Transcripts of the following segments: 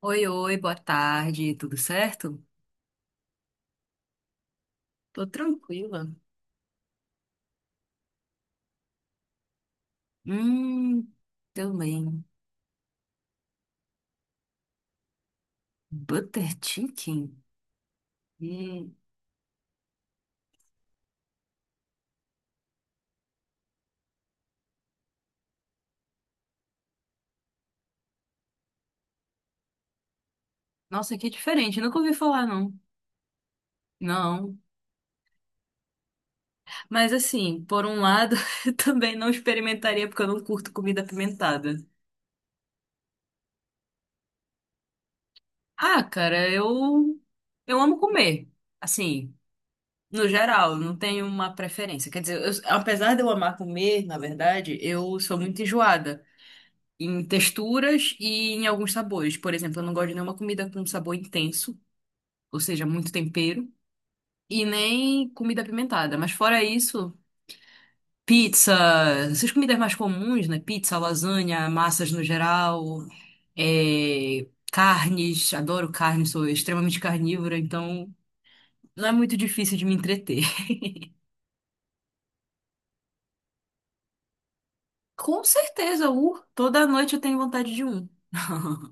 Oi, oi, boa tarde, tudo certo? Tô tranquila. Hum, também. Butter chicken? Hum, nossa, que diferente, nunca ouvi falar, não. Não. Mas assim, por um lado, eu também não experimentaria porque eu não curto comida apimentada. Ah, cara, eu amo comer. Assim, no geral, eu não tenho uma preferência. Quer dizer, eu- apesar de eu amar comer, na verdade, eu sou muito enjoada. Em texturas e em alguns sabores. Por exemplo, eu não gosto de nenhuma comida com sabor intenso, ou seja, muito tempero, e nem comida apimentada. Mas fora isso, pizza, essas comidas mais comuns, né? Pizza, lasanha, massas no geral, é, carnes, adoro carne, sou extremamente carnívora, então não é muito difícil de me entreter. Com certeza, toda noite eu tenho vontade de um.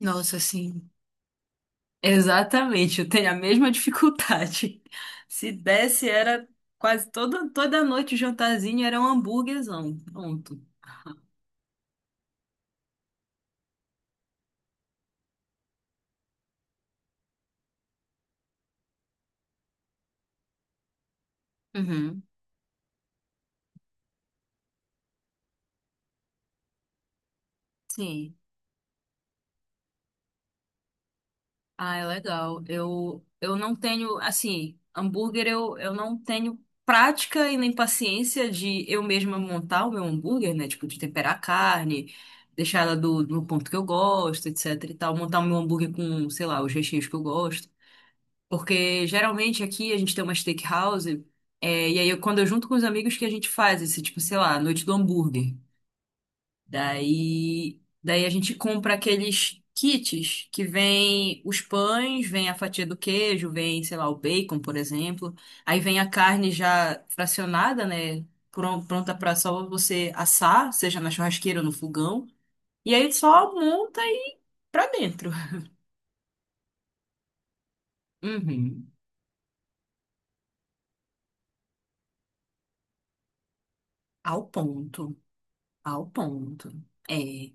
Nossa, assim. Exatamente, eu tenho a mesma dificuldade. Se desse, era quase toda noite o jantarzinho era um hambúrguerzão. Pronto. Uhum. Sim. Ah, é legal. Eu não tenho, assim, hambúrguer eu não tenho prática e nem paciência de eu mesma montar o meu hambúrguer, né? Tipo, de temperar a carne, deixar ela do ponto que eu gosto, etc e tal. Montar o meu hambúrguer com, sei lá, os recheios que eu gosto. Porque geralmente aqui a gente tem uma steakhouse, é, e aí eu- quando eu junto com os amigos que a gente faz esse, tipo, sei lá, noite do hambúrguer. Daí a gente compra aqueles kits que vem os pães, vem a fatia do queijo, vem, sei lá, o bacon, por exemplo. Aí vem a carne já fracionada, né? Pronta para só você assar, seja na churrasqueira ou no fogão. E aí só monta e pra dentro. Uhum. Ao ponto. Ao ponto. É.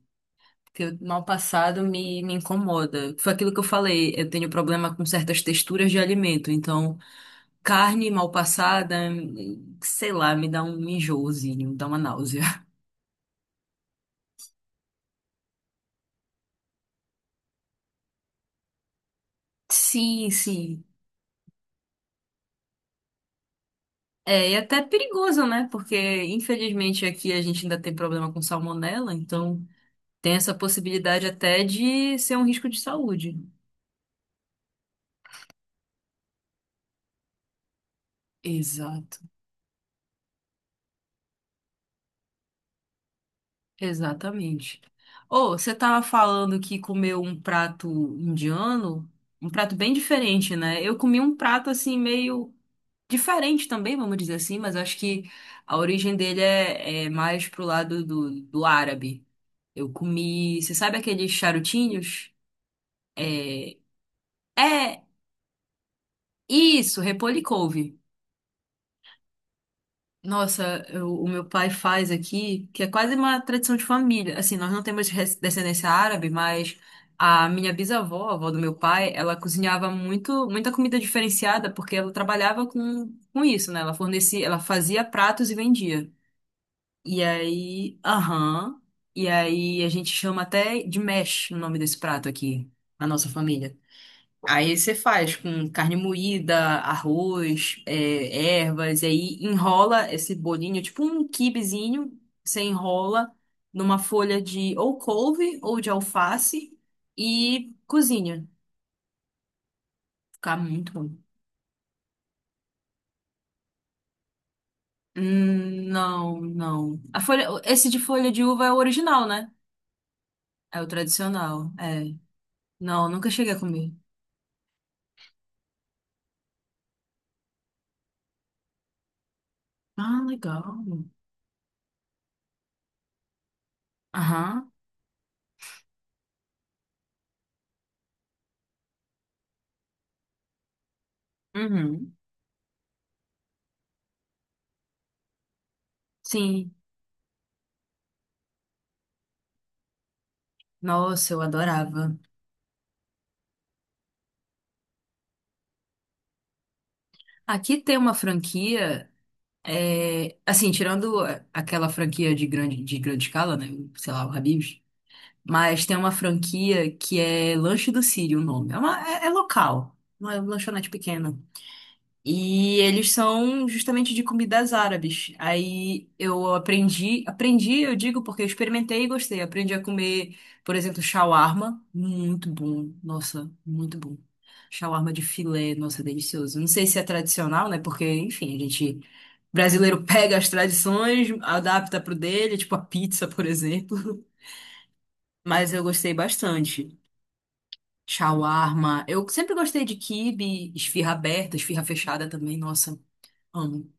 Que o mal passado me incomoda. Foi aquilo que eu falei, eu tenho problema com certas texturas de alimento, então carne mal passada, sei lá, me dá um enjoozinho, me dá uma náusea. Sim, sim. É, e até perigoso, né? Porque infelizmente aqui a gente ainda tem problema com salmonela, então tem essa possibilidade até de ser um risco de saúde. Exato. Exatamente. Ô, você tava falando que comeu um prato indiano, um prato bem diferente, né? Eu comi um prato assim meio diferente também, vamos dizer assim, mas acho que a origem dele é mais pro lado do árabe. Eu comi, você sabe aqueles charutinhos? É, é isso, repolho e couve. Nossa, eu- o meu pai faz aqui, que é quase uma tradição de família. Assim, nós não temos res- descendência árabe, mas a minha bisavó, a avó do meu pai, ela cozinhava muito, muita comida diferenciada, porque ela trabalhava com isso, né? Ela fornecia, ela fazia pratos e vendia. E aí, aham, e aí a gente chama até de mesh o nome desse prato aqui, na nossa família. Aí você faz com carne moída, arroz, é, ervas, e aí enrola esse bolinho, tipo um quibezinho, você enrola numa folha de ou couve ou de alface e cozinha. Fica muito bom. Não, não. A folha, esse de folha de uva é o original, né? É o tradicional, é. Não, nunca cheguei a comer. Ah, legal. Aham. Uhum. Sim. Nossa, eu adorava. Aqui tem uma franquia. É, assim, tirando aquela franquia de grande escala, né? Sei lá, o Habib's. Mas tem uma franquia que é Lanche do Sírio, o nome. É, uma- é- é local, uma lanchonete pequena. E eles são justamente de comidas árabes. Aí eu aprendi, aprendi, eu digo porque eu experimentei e gostei. Aprendi a comer, por exemplo, shawarma. Muito bom. Nossa, muito bom. Shawarma de filé, nossa, delicioso. Não sei se é tradicional, né? Porque, enfim, a gente brasileiro pega as tradições, adapta pro dele, tipo a pizza, por exemplo. Mas eu gostei bastante. Shawarma. Eu sempre gostei de quibe, esfirra aberta, esfirra fechada também. Nossa, amo.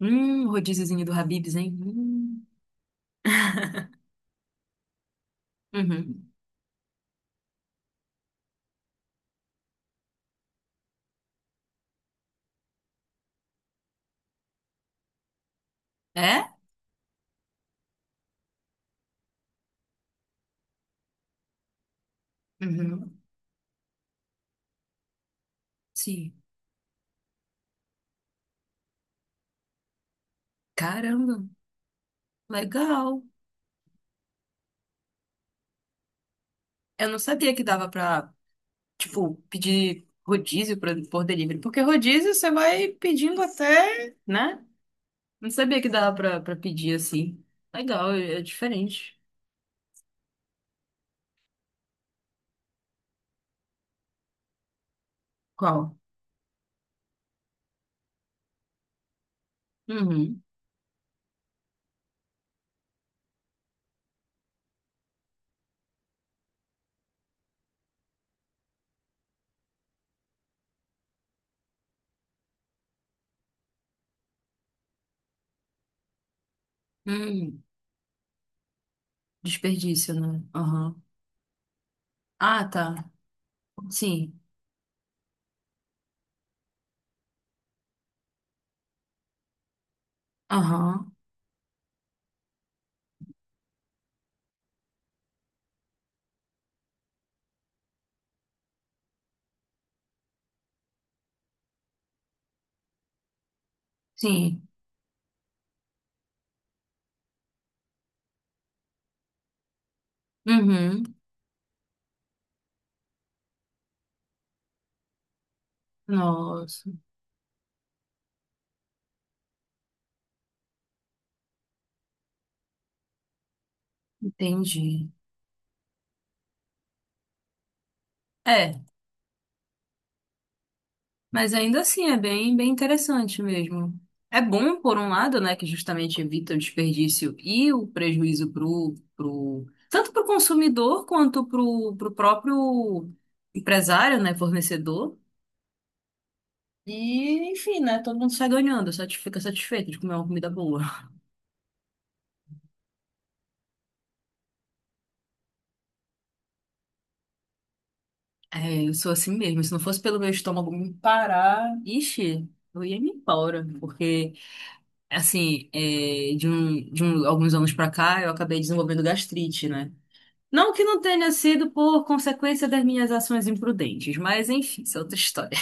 Rodíziozinho do Habib's, hein? Hum. Uhum. É? Uhum. Sim. Caramba, legal. Eu não sabia que dava pra, tipo, pedir rodízio pra- por delivery. Porque rodízio você vai pedindo até, né? Não sabia que dava pra, pra pedir assim. Legal, é é diferente. Qual? Uhum. Hum, desperdício, né? Aham. Ah, tá. Sim. Aham. Sim. Uhum. Nossa, entendi. É, mas ainda assim é bem, bem interessante mesmo. É bom, por um lado, né, que justamente evita o desperdício e o prejuízo pro, pro, tanto pro consumidor quanto pro, pro próprio empresário, né, fornecedor. E, enfim, né? Todo mundo sai ganhando, satis- fica satisfeito de comer uma comida boa. É, eu sou assim mesmo. Se não fosse pelo meu estômago me parar, ixi, eu ia me embora. Porque, assim, é, de um- alguns anos pra cá, eu acabei desenvolvendo gastrite, né? Não que não tenha sido por consequência das minhas ações imprudentes, mas enfim, isso é outra história.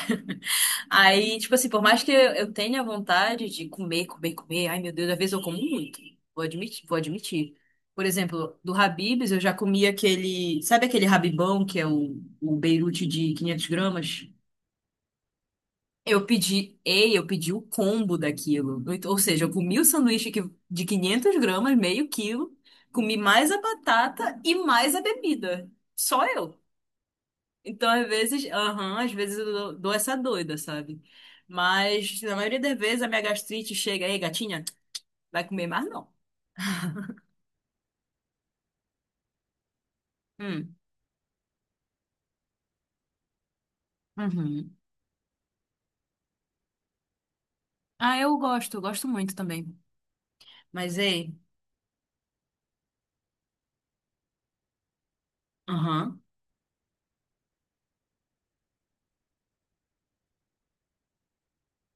Aí, tipo assim, por mais que eu tenha vontade de comer, comer, comer, ai meu Deus, às vezes eu como muito. Vou admitir, vou admitir. Por exemplo, do Habib's eu já comi aquele, sabe aquele Habibão que é o Beirute de 500 gramas? Eu pedi, ei, eu pedi o combo daquilo. Então, ou seja, eu comi o sanduíche que- de 500 gramas, meio quilo, comi mais a batata e mais a bebida. Só eu. Então, às vezes, aham, às vezes eu dou essa doida, sabe? Mas, na maioria das vezes, a minha gastrite chega aí, gatinha, vai comer mais não. Hum, uhum. Ah, eu gosto muito também. Mas, ei, aham.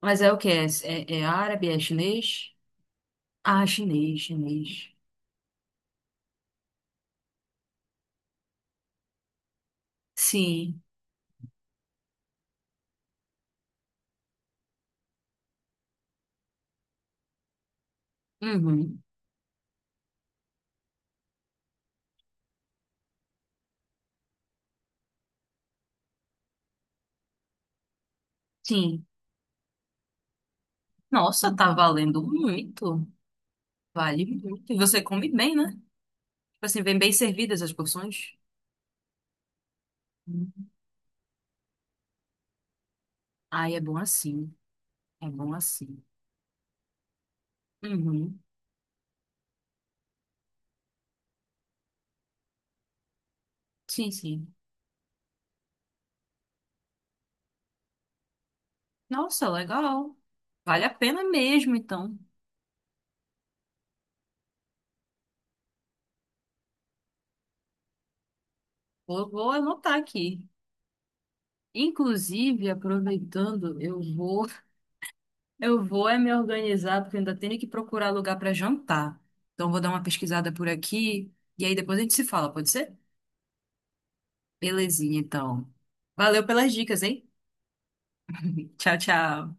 Mas é o quê? É, é é árabe? É chinês? Ah, chinês, chinês. Sim, uhum, sim. Nossa, tá valendo muito. Vale muito. E você come bem, né? Tipo assim, vem bem servidas as porções. Uhum. Ai, é bom assim. É bom assim. Uhum. Sim, sim. Nossa, legal. Vale a pena mesmo, então. Vou, vou anotar aqui. Inclusive, aproveitando, eu vou, eu vou é me organizar, porque eu ainda tenho que procurar lugar para jantar. Então, vou dar uma pesquisada por aqui e aí depois a gente se fala, pode ser? Belezinha, então. Valeu pelas dicas, hein? Tchau, tchau.